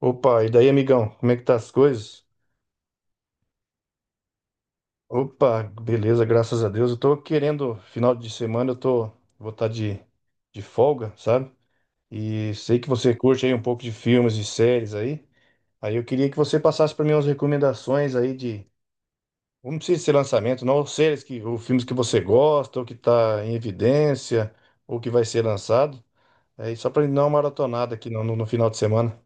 Opa, e daí, amigão? Como é que tá as coisas? Opa, beleza, graças a Deus. Eu tô querendo, final de semana, eu tô, vou estar de folga, sabe? E sei que você curte aí um pouco de filmes e séries aí. Aí eu queria que você passasse para mim umas recomendações aí de, não precisa ser lançamento, não, séries que, ou filmes que você gosta, ou que tá em evidência, ou que vai ser lançado. Aí só para dar uma maratonada aqui no final de semana.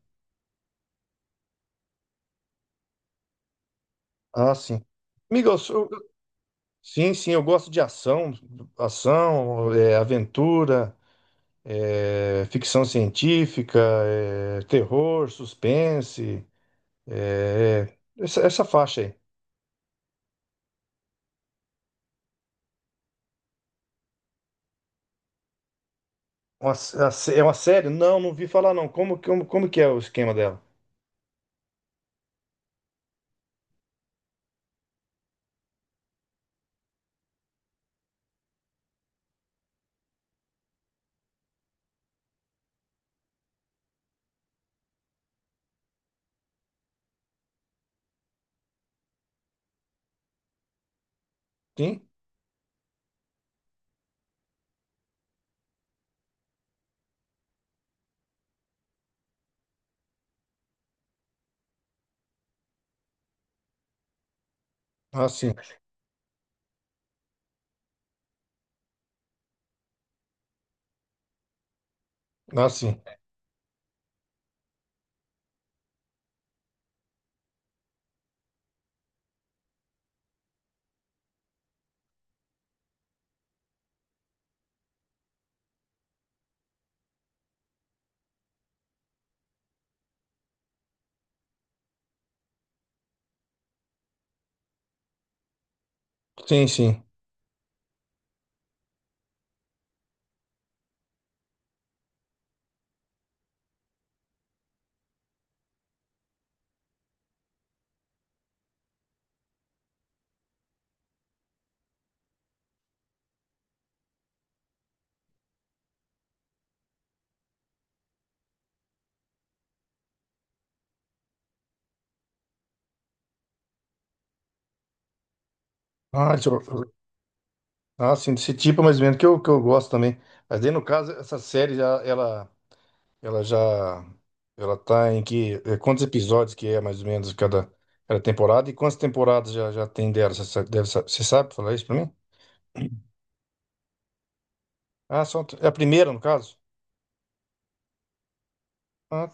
Ah, sim. Amigos, sim, sim, eu gosto de ação, aventura, ficção científica, terror, suspense, é, essa faixa aí. Uma s- a sé- É uma série? Não, não vi falar não. Como que é o esquema dela? Sim? Ah, sim. Ah, sim. Sim, sim. Ah, deixa eu- ah, sim, desse tipo mais ou menos, que eu gosto também. Mas aí, no caso, essa série, já, ela... Ela já. ela tá em que. Quantos episódios que é mais ou menos cada temporada? E quantas temporadas já tem dela? Você sa- deve sa- Você sabe falar isso pra mim? Ah, só, é a primeira, no caso? Ah,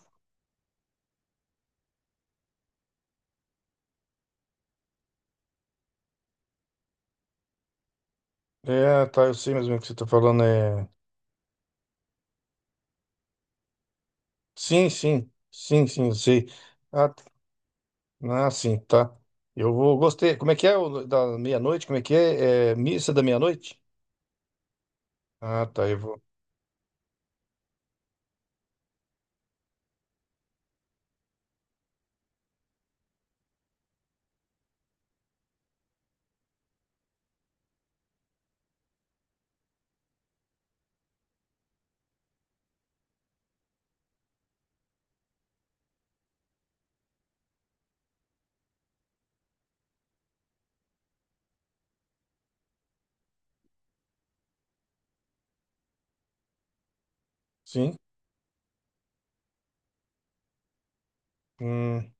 é, tá, eu sei mais ou menos o que você tá falando. É... Sim, sim. Sim, sim, eu sei. Ah, t- ah, sim, tá. Eu vou. Gostei. Como é que é o da meia-noite? Como é que é? É missa da meia-noite? Ah, tá, eu vou. Sim. Hum.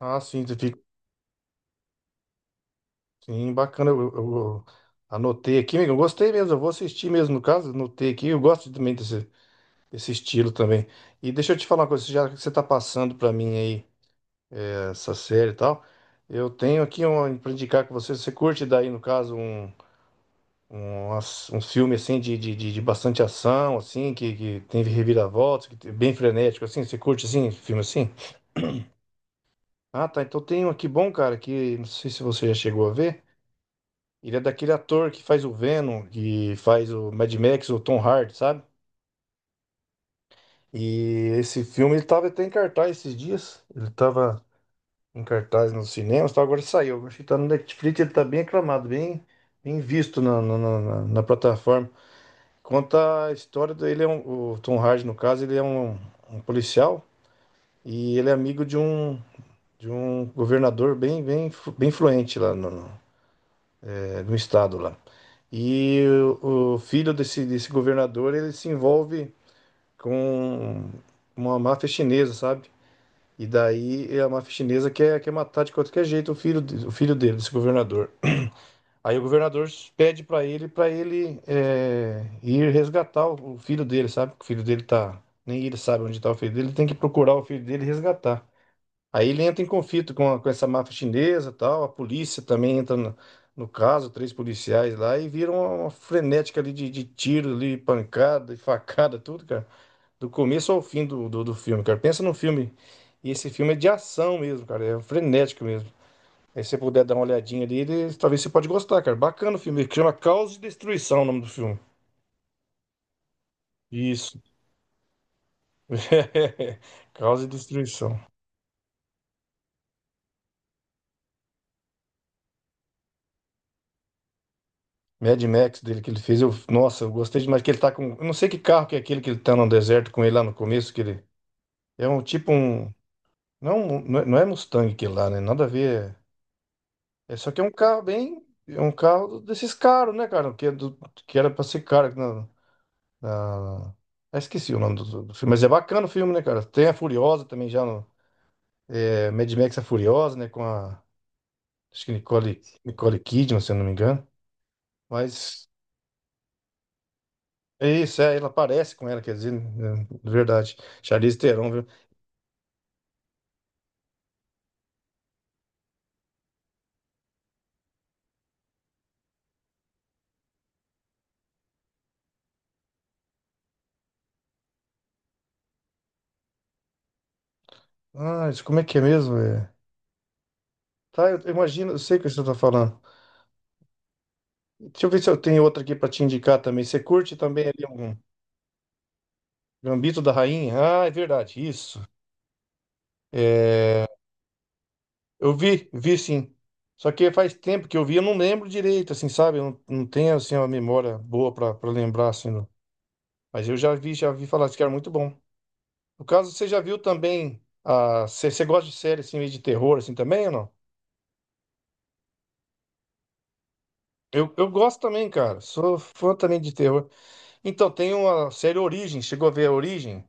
Ah, sim, sim, bacana. Eu anotei aqui, amigo. Eu gostei mesmo. Eu vou assistir mesmo, no caso. Anotei aqui. Eu gosto também desse, desse estilo também. E deixa eu te falar uma coisa. Já que você tá passando pra mim aí essa série e tal, eu tenho aqui um, pra indicar com você. Você curte daí, no caso, um filme assim de bastante ação, assim, que tem reviravoltas, que é bem frenético, assim. Você curte assim, filme assim? Ah, tá. Então tem um aqui bom, cara, que não sei se você já chegou a ver. Ele é daquele ator que faz o Venom, que faz o Mad Max, o Tom Hardy, sabe? E esse filme ele tava até em cartaz esses dias. Ele tava em cartaz nos cinemas, tá? Agora saiu. Acho que tá no Netflix, ele tá bem aclamado, bem, bem visto na plataforma. Conta a história dele, é um, o Tom Hardy, no caso, ele é um, um policial e ele é amigo de um governador bem influente lá no estado lá. E o filho desse governador, ele se envolve com uma máfia chinesa, sabe? E daí é a máfia chinesa quer matar de qualquer jeito o filho, o filho dele, desse governador. Aí o governador pede pra ele, ir resgatar o filho dele, sabe? Que o filho dele tá... Nem ele sabe onde tá o filho dele, ele tem que procurar o filho dele e resgatar. Aí ele entra em conflito com essa máfia chinesa, tal, a polícia também entra no caso, três policiais lá e vira uma frenética ali de tiro, ali, pancada e facada, tudo, cara. Do começo ao fim do filme, cara. Pensa num filme. E esse filme é de ação mesmo, cara. É frenético mesmo. Aí se você puder dar uma olhadinha ali, talvez você pode gostar, cara. Bacana o filme. Chama Caos e Destruição, é o nome do filme. Isso. Caos e Destruição. Mad Max dele que ele fez, eu, nossa, eu gostei demais que ele tá com, eu não sei que carro que é aquele que ele tá no deserto com ele lá no começo, que ele é um tipo um, não, é um, não é Mustang que lá, né? Nada a ver. É é só que é um carro bem, é um carro desses caros, né, cara? Que é do, que era pra ser caro na, na- ah, esqueci o nome do filme, mas é bacana o filme, né, cara? Tem a Furiosa também já no é, Mad Max a Furiosa, né, com a acho que Nicole Kidman, se eu não me engano. Mas isso, é, ela parece com ela, quer dizer, né, de verdade. Charlize Theron, viu? Ah, isso como é que é mesmo? É? Tá, eu imagino, eu sei o que você tá falando. Deixa eu ver se eu tenho outra aqui pra te indicar também. Você curte também ali algum Gambito da Rainha? Ah, é verdade, isso. É, eu vi, vi sim. Só que faz tempo que eu vi, eu não lembro direito, assim, sabe? Eu não tenho, assim, uma memória boa pra lembrar, assim. Não. Mas eu já vi falar disso que era muito bom. No caso, você já viu também, a, você gosta de série, assim, meio de terror, assim, também ou não? Eu gosto também, cara. Sou fã também de terror. Então, tem uma série Origem. Chegou a ver a Origem?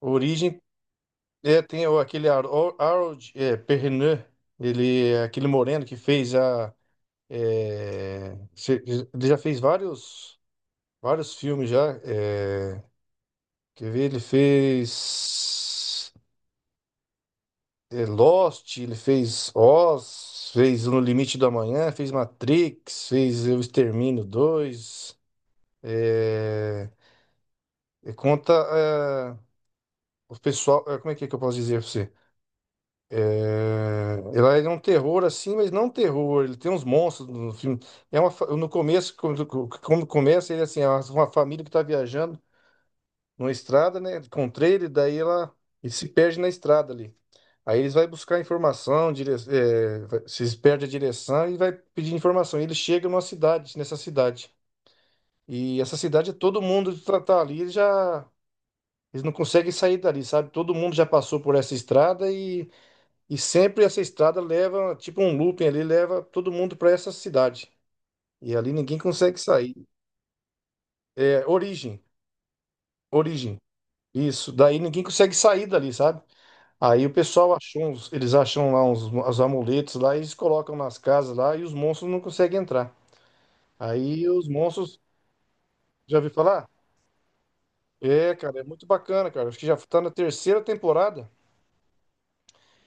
Origem é, tem o- aquele Harold é, Perrineau. Ele é aquele moreno que fez a. É, ele já fez vários filmes já. É, quer ver? Ele fez é, Lost, ele fez Oz, fez No Limite do Amanhã, fez Matrix, fez O Extermínio 2. E conta eh, o pessoal. Como é que eu posso dizer pra você? Ela é um terror assim, mas não um terror. Ele tem uns monstros no filme. É uma, no começo, quando começa, ele assim, é uma família que tá viajando numa estrada, né? Com trailer, daí ela ele se perde na estrada ali. Aí eles vai buscar informação, dire, eh, vai- se eles perdem a direção e vai pedir informação. E ele chega numa cidade, nessa cidade. E essa cidade, é todo mundo tá ali já. Eles não conseguem sair dali, sabe? Todo mundo já passou por essa estrada e sempre essa estrada leva, tipo um looping ali, leva todo mundo para essa cidade. E ali ninguém consegue sair. É, origem, origem. Isso, daí ninguém consegue sair dali, sabe? Aí o pessoal achou, uns, eles acham lá uns, os amuletos lá, e eles colocam nas casas lá e os monstros não conseguem entrar. Aí os monstros, já ouviu falar? É, cara, é muito bacana, cara. Acho que já tá na terceira temporada.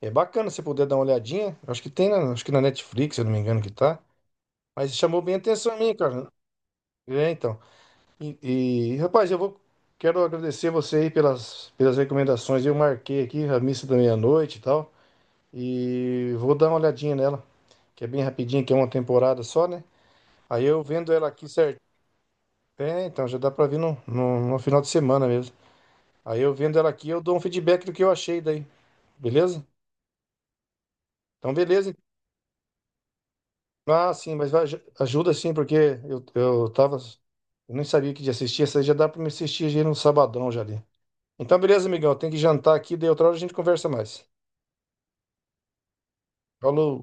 É bacana se puder dar uma olhadinha. Acho que tem, na, acho que na Netflix, se eu não me engano, que tá. Mas chamou bem a atenção minha, cara. É, então. Rapaz, eu vou, quero agradecer você aí pelas recomendações. Eu marquei aqui a missa da meia-noite e tal. E vou dar uma olhadinha nela, que é bem rapidinho, que é uma temporada só, né? Aí eu vendo ela aqui certo. É, então já dá pra vir no final de semana mesmo. Aí eu vendo ela aqui, eu dou um feedback do que eu achei daí. Beleza? Então, beleza. Ah, sim, ajuda sim, porque eu tava. Eu nem sabia que ia assistir, essa aí já dá pra me assistir já no sabadão já ali. Então, beleza, amigão, tem que jantar aqui, daí outra hora a gente conversa mais. Falou.